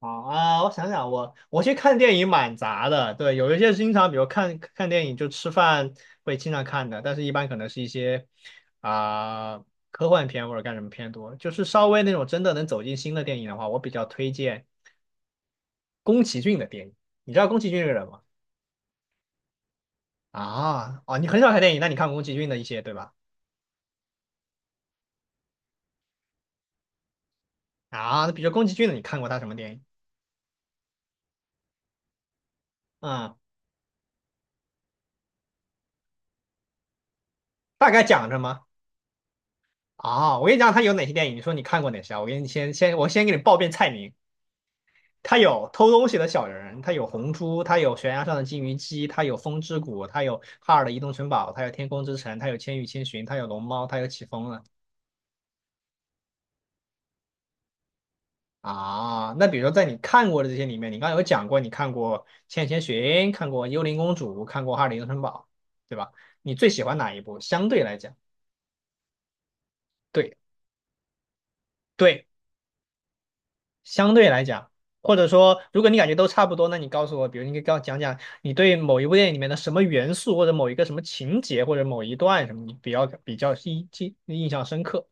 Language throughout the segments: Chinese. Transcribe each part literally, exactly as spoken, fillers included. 好啊，我想想，我我去看电影蛮杂的，对。有一些经常，比如看看电影就吃饭会经常看的，但是一般可能是一些啊、科幻片或者干什么片多，就是稍微那种真的能走进新的电影的话，我比较推荐宫崎骏的电影。你知道宫崎骏这个人吗？啊，哦，你很少看电影，那你看过宫崎骏的一些对吧？啊，那比如宫崎骏的，你看过他什么电影？嗯，大概讲什么？啊，我跟你讲他有哪些电影，你说你看过哪些啊？我给你先先我先给你报遍菜名。它有偷东西的小人，它有红猪，它有悬崖上的金鱼姬，它有风之谷，它有哈尔的移动城堡，它有天空之城，它有千与千寻，它有龙猫，它有起风了。啊。那比如说在你看过的这些里面，你刚刚有讲过，你看过千与千寻，看过幽灵公主，看过哈尔的移动城堡，对吧？你最喜欢哪一部？相对来讲，对，对。相对来讲，或者说，如果你感觉都差不多，那你告诉我，比如你可以跟我讲讲你对某一部电影里面的什么元素，或者某一个什么情节，或者某一段什么，你比较比较印记印象深刻。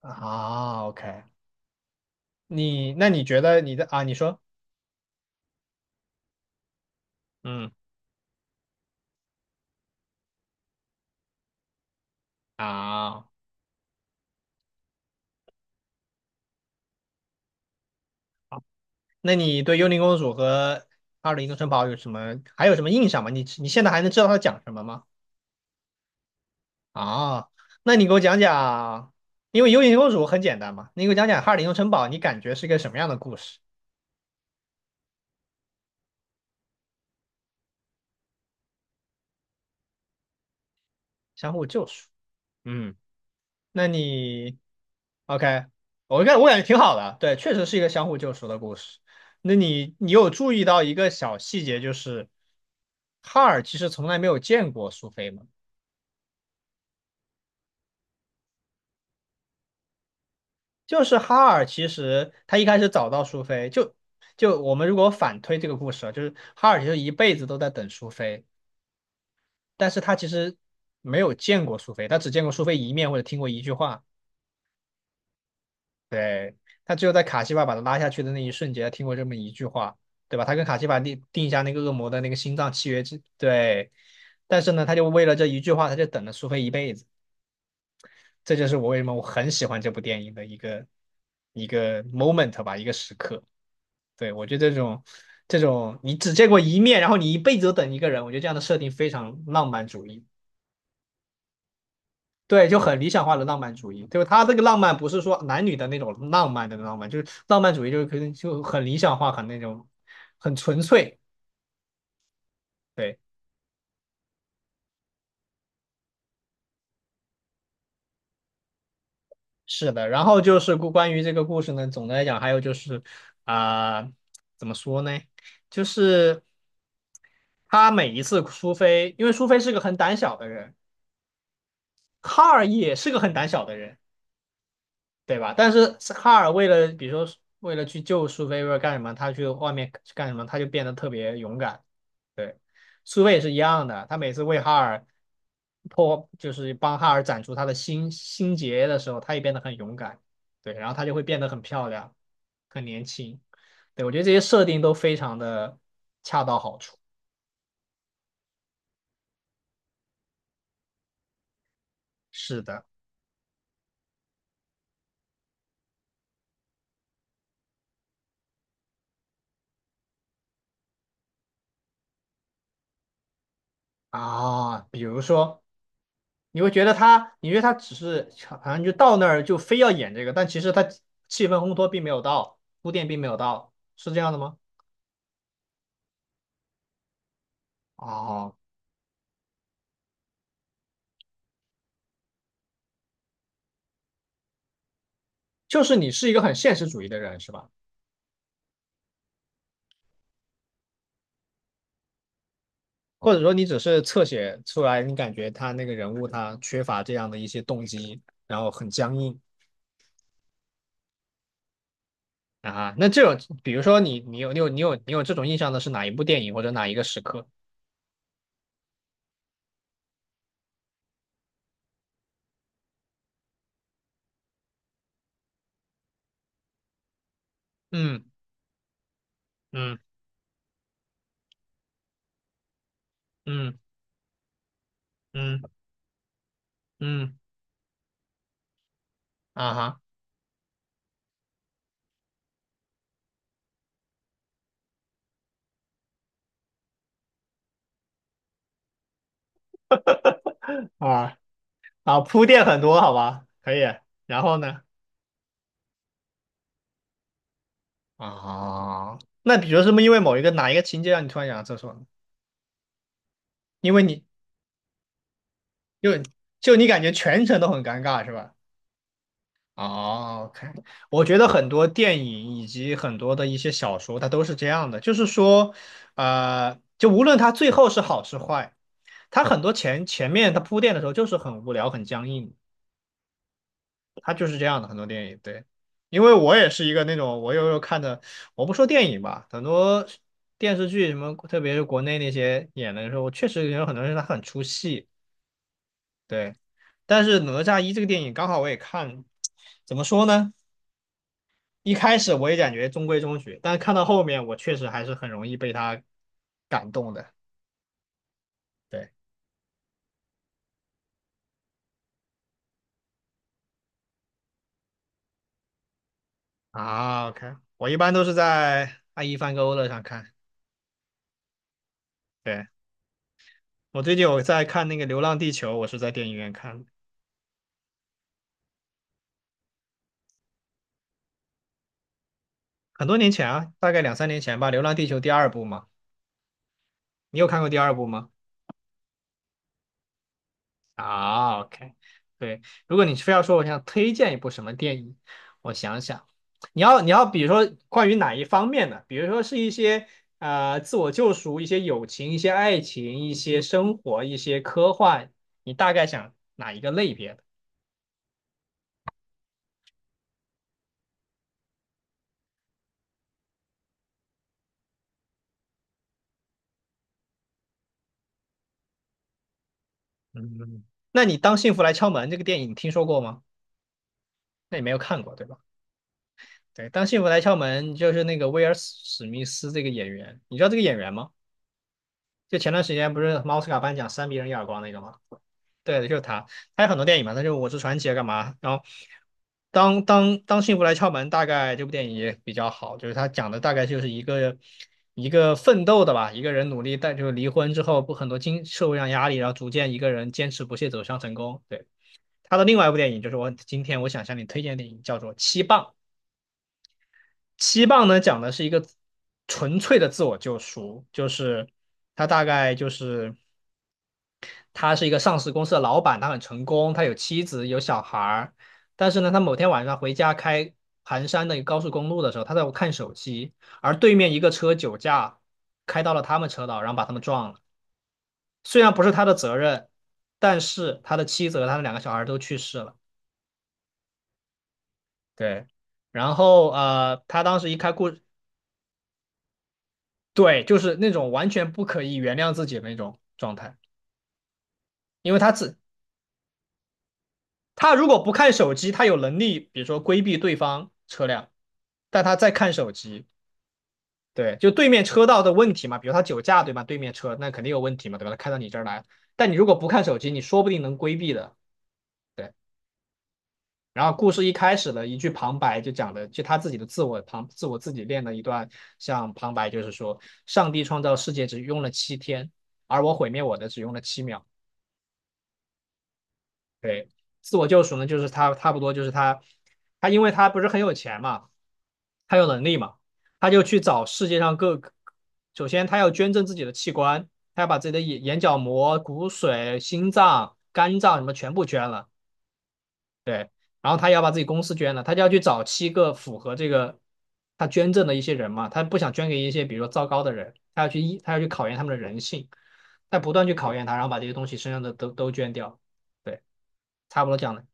啊？OK。你那你觉得你的啊？你说，嗯。啊，那你对《幽灵公主》和二零一城堡有什么还有什么印象吗？你你现在还能知道它讲什么吗？啊，那你给我讲讲，因为《幽灵公主》很简单嘛，你给我讲讲《哈尔的移动城堡》，你感觉是个什么样的故事？相互救赎。嗯。那你 OK,我感我感觉挺好的，对，确实是一个相互救赎的故事。那你你有注意到一个小细节，就是哈尔其实从来没有见过苏菲吗？就是哈尔其实他一开始找到苏菲，就就我们如果反推这个故事啊，就是哈尔其实一辈子都在等苏菲，但是他其实没有见过苏菲，他只见过苏菲一面或者听过一句话。对，他只有在卡西法把他拉下去的那一瞬间，听过这么一句话，对吧？他跟卡西法定定下那个恶魔的那个心脏契约之，对。但是呢，他就为了这一句话，他就等了苏菲一辈子。这就是我为什么我很喜欢这部电影的一个一个 moment 吧，一个时刻。对，我觉得这种这种你只见过一面，然后你一辈子都等一个人，我觉得这样的设定非常浪漫主义。对，就很理想化的浪漫主义，就是他这个浪漫不是说男女的那种浪漫的浪漫，就是浪漫主义就是可能就很理想化，很那种很纯粹。对，是的。然后就是故关于这个故事呢，总的来讲，还有就是啊、怎么说呢？就是他每一次苏菲，因为苏菲是个很胆小的人，卡尔也是个很胆小的人，对吧？但是哈尔为了，比如说为了去救苏菲，为了干什么，他去外面去干什么，他就变得特别勇敢。对，苏菲也是一样的，他每次为哈尔破，就是帮哈尔斩除他的心心结的时候，他也变得很勇敢。对，然后他就会变得很漂亮，很年轻。对，我觉得这些设定都非常的恰到好处。是的。啊，比如说。你会觉得他，你觉得他只是好像就到那儿就非要演这个，但其实他气氛烘托并没有到，铺垫并没有到，是这样的吗？哦，就是你是一个很现实主义的人，是吧？或者说你只是侧写出来，你感觉他那个人物他缺乏这样的一些动机，然后很僵硬。啊。那这种，比如说你你有你有你有你有这种印象的是哪一部电影或者哪一个时刻？嗯。嗯。嗯。嗯。嗯。啊哈。啊。啊，铺垫很多，好吧，可以。然后呢？啊，那比如是不是因为某一个哪一个情节让你突然想到厕所呢？因为你，就就你感觉全程都很尴尬是吧？哦，OK,我觉得很多电影以及很多的一些小说，它都是这样的，就是说，呃，就无论它最后是好是坏，它很多前前面它铺垫的时候就是很无聊、很僵硬它就是这样的，很多电影，对。因为我也是一个那种，我有时候看的，我不说电影吧，很多电视剧什么，特别是国内那些演的时候，我确实有很多人他很出戏，对。但是《哪吒一》这个电影刚好我也看，怎么说呢？一开始我也感觉中规中矩，但是看到后面，我确实还是很容易被他感动的。对。啊，OK,我一般都是在爱一帆跟欧乐上看。对，我最近有在看那个《流浪地球》，我是在电影院看的。很多年前啊，大概两三年前吧，《流浪地球》第二部嘛，你有看过第二部吗？啊，OK,对。如果你非要说我想推荐一部什么电影，我想想，你要你要比如说关于哪一方面的，比如说是一些呃自我救赎、一些友情、一些爱情、一些生活、一些科幻，你大概想哪一个类别的？嗯，那你《当幸福来敲门》这个电影你听说过吗？那你没有看过对吧？对，当幸福来敲门就是那个威尔史史密斯这个演员，你知道这个演员吗？就前段时间不是奥斯卡颁奖扇别人一耳光那个吗？对的，就是他，他有很多电影嘛，他就《我是传奇》啊，干嘛？然后当当当幸福来敲门，大概这部电影也比较好，就是他讲的大概就是一个一个奋斗的吧，一个人努力，但就是离婚之后不很多经社会上压力，然后逐渐一个人坚持不懈走向成功。对，他的另外一部电影就是我今天我想向你推荐的电影，叫做《七磅》。七磅呢讲的是一个纯粹的自我救赎，就是他大概就是他是一个上市公司的老板，他很成功，他有妻子有小孩儿，但是呢，他某天晚上回家开盘山的一个高速公路的时候，他在看手机，而对面一个车酒驾开到了他们车道，然后把他们撞了。虽然不是他的责任，但是他的妻子和他的两个小孩都去世了。对。然后呃，他当时一开故对，就是那种完全不可以原谅自己的那种状态，因为他自他如果不看手机，他有能力，比如说规避对方车辆，但他在看手机，对，就对面车道的问题嘛，比如他酒驾，对吧？对面车那肯定有问题嘛，对吧？他开到你这儿来，但你如果不看手机，你说不定能规避的。对，然后故事一开始的一句旁白就讲的，就他自己的自我旁自我自己练的一段，像旁白就是说，上帝创造世界只用了七天，而我毁灭我的只用了七秒。对，自我救赎呢，就是他差不多就是他，他因为他不是很有钱嘛，他有能力嘛，他就去找世界上各个首先他要捐赠自己的器官，他要把自己的眼眼角膜、骨髓、心脏、肝脏什么全部捐了，对，然后他要把自己公司捐了，他就要去找七个符合这个他捐赠的一些人嘛，他不想捐给一些比如说糟糕的人，他要去一他要去考验他们的人性，他不断去考验他，然后把这些东西身上的都都捐掉，对，差不多这样的。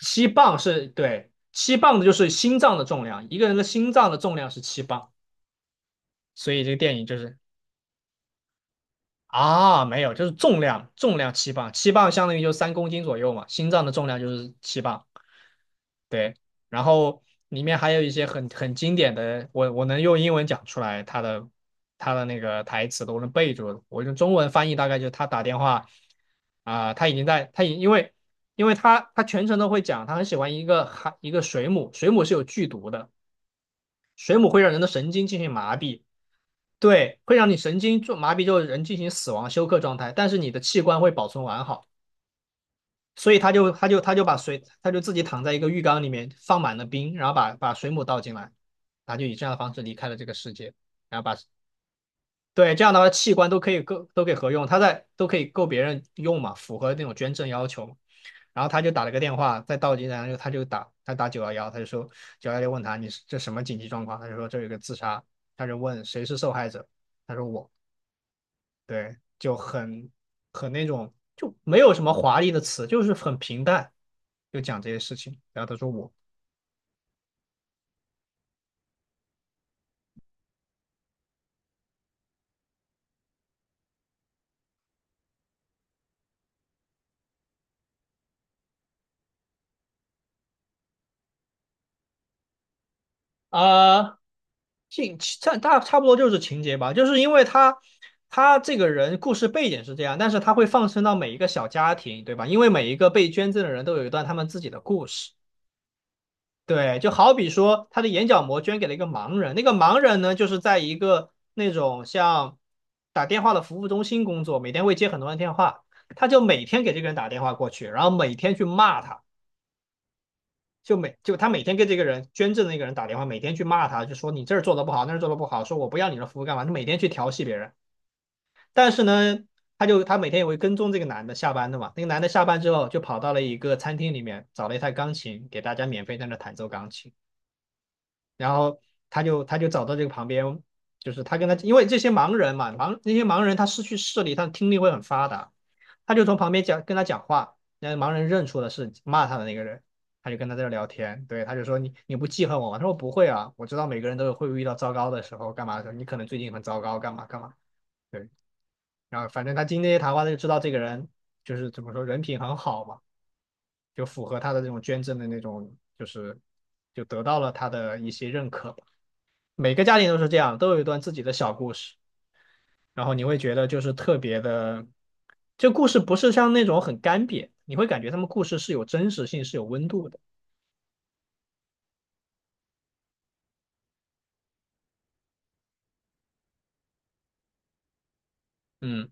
七磅是，对，七磅的就是心脏的重量，一个人的心脏的重量是七磅，所以这个电影就是。啊，没有，就是重量，重量七磅，七磅相当于就三公斤左右嘛，心脏的重量就是七磅。对，然后里面还有一些很很经典的，我我能用英文讲出来他的他的那个台词都能背住，我用中文翻译大概就是他打电话啊，他已经在他已因为因为他他全程都会讲，他很喜欢一个海一个水母，水母是有剧毒的，水母会让人的神经进行麻痹，对，会让你神经做麻痹之后，就是人进行死亡休克状态，但是你的器官会保存完好，所以他就他就他就把水，他就自己躺在一个浴缸里面放满了冰，然后把把水母倒进来，他就以这样的方式离开了这个世界，然后把对，这样的话器官都可以够都可以合用，他在都可以够别人用嘛，符合那种捐赠要求。然后他就打了个电话，在进来，然后他就打他打九幺幺，他就说九幺幺问他你是这什么紧急状况，他就说这有一个自杀，他就问谁是受害者，他说我。对，就很很那种，就没有什么华丽的词，就是很平淡，就讲这些事情。然后他说我。啊，情差大差不多就是情节吧，就是因为他他这个人故事背景是这样，但是他会放生到每一个小家庭，对吧？因为每一个被捐赠的人都有一段他们自己的故事，对，就好比说，他的眼角膜捐给了一个盲人，那个盲人呢，就是在一个那种像打电话的服务中心工作，每天会接很多人电话，他就每天给这个人打电话过去，然后每天去骂他，就每就他每天给这个人捐赠的那个人打电话，每天去骂他，就说你这儿做的不好，那儿做的不好，说我不要你的服务干嘛？他每天去调戏别人，但是呢，他就他每天也会跟踪这个男的下班的嘛，那个男的下班之后就跑到了一个餐厅里面，找了一台钢琴，给大家免费在那弹奏钢琴。然后他就他就找到这个旁边，就是他跟他，因为这些盲人嘛，盲那些盲人他失去视力，他听力会很发达，他就从旁边讲跟他讲话，那盲人认出了是骂他的那个人，他就跟他在这聊天，对，他就说你你不记恨我吗？他说不会啊，我知道每个人都有会遇到糟糕的时候，干嘛的时候，你可能最近很糟糕，干嘛干嘛，对，然后反正他经那些谈话，他就知道这个人就是怎么说人品很好嘛，就符合他的这种捐赠的那种，就是就得到了他的一些认可。每个家庭都是这样，都有一段自己的小故事，然后你会觉得就是特别的，这故事不是像那种很干瘪，你会感觉他们故事是有真实性，是有温度的。嗯，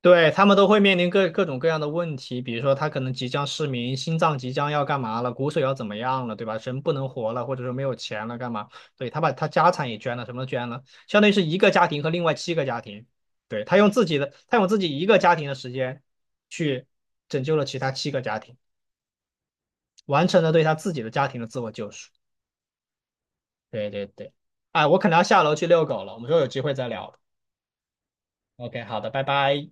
对，他们都会面临各各种各样的问题，比如说他可能即将失明，心脏即将要干嘛了，骨髓要怎么样了，对吧？人不能活了，或者说没有钱了，干嘛？对，他把他家产也捐了，什么都捐了，相当于是一个家庭和另外七个家庭，对，他用自己的，他用自己一个家庭的时间去拯救了其他七个家庭。完成了对他自己的家庭的自我救赎。对对对，哎，我可能要下楼去遛狗了，我们说有机会再聊。OK，好的，拜拜。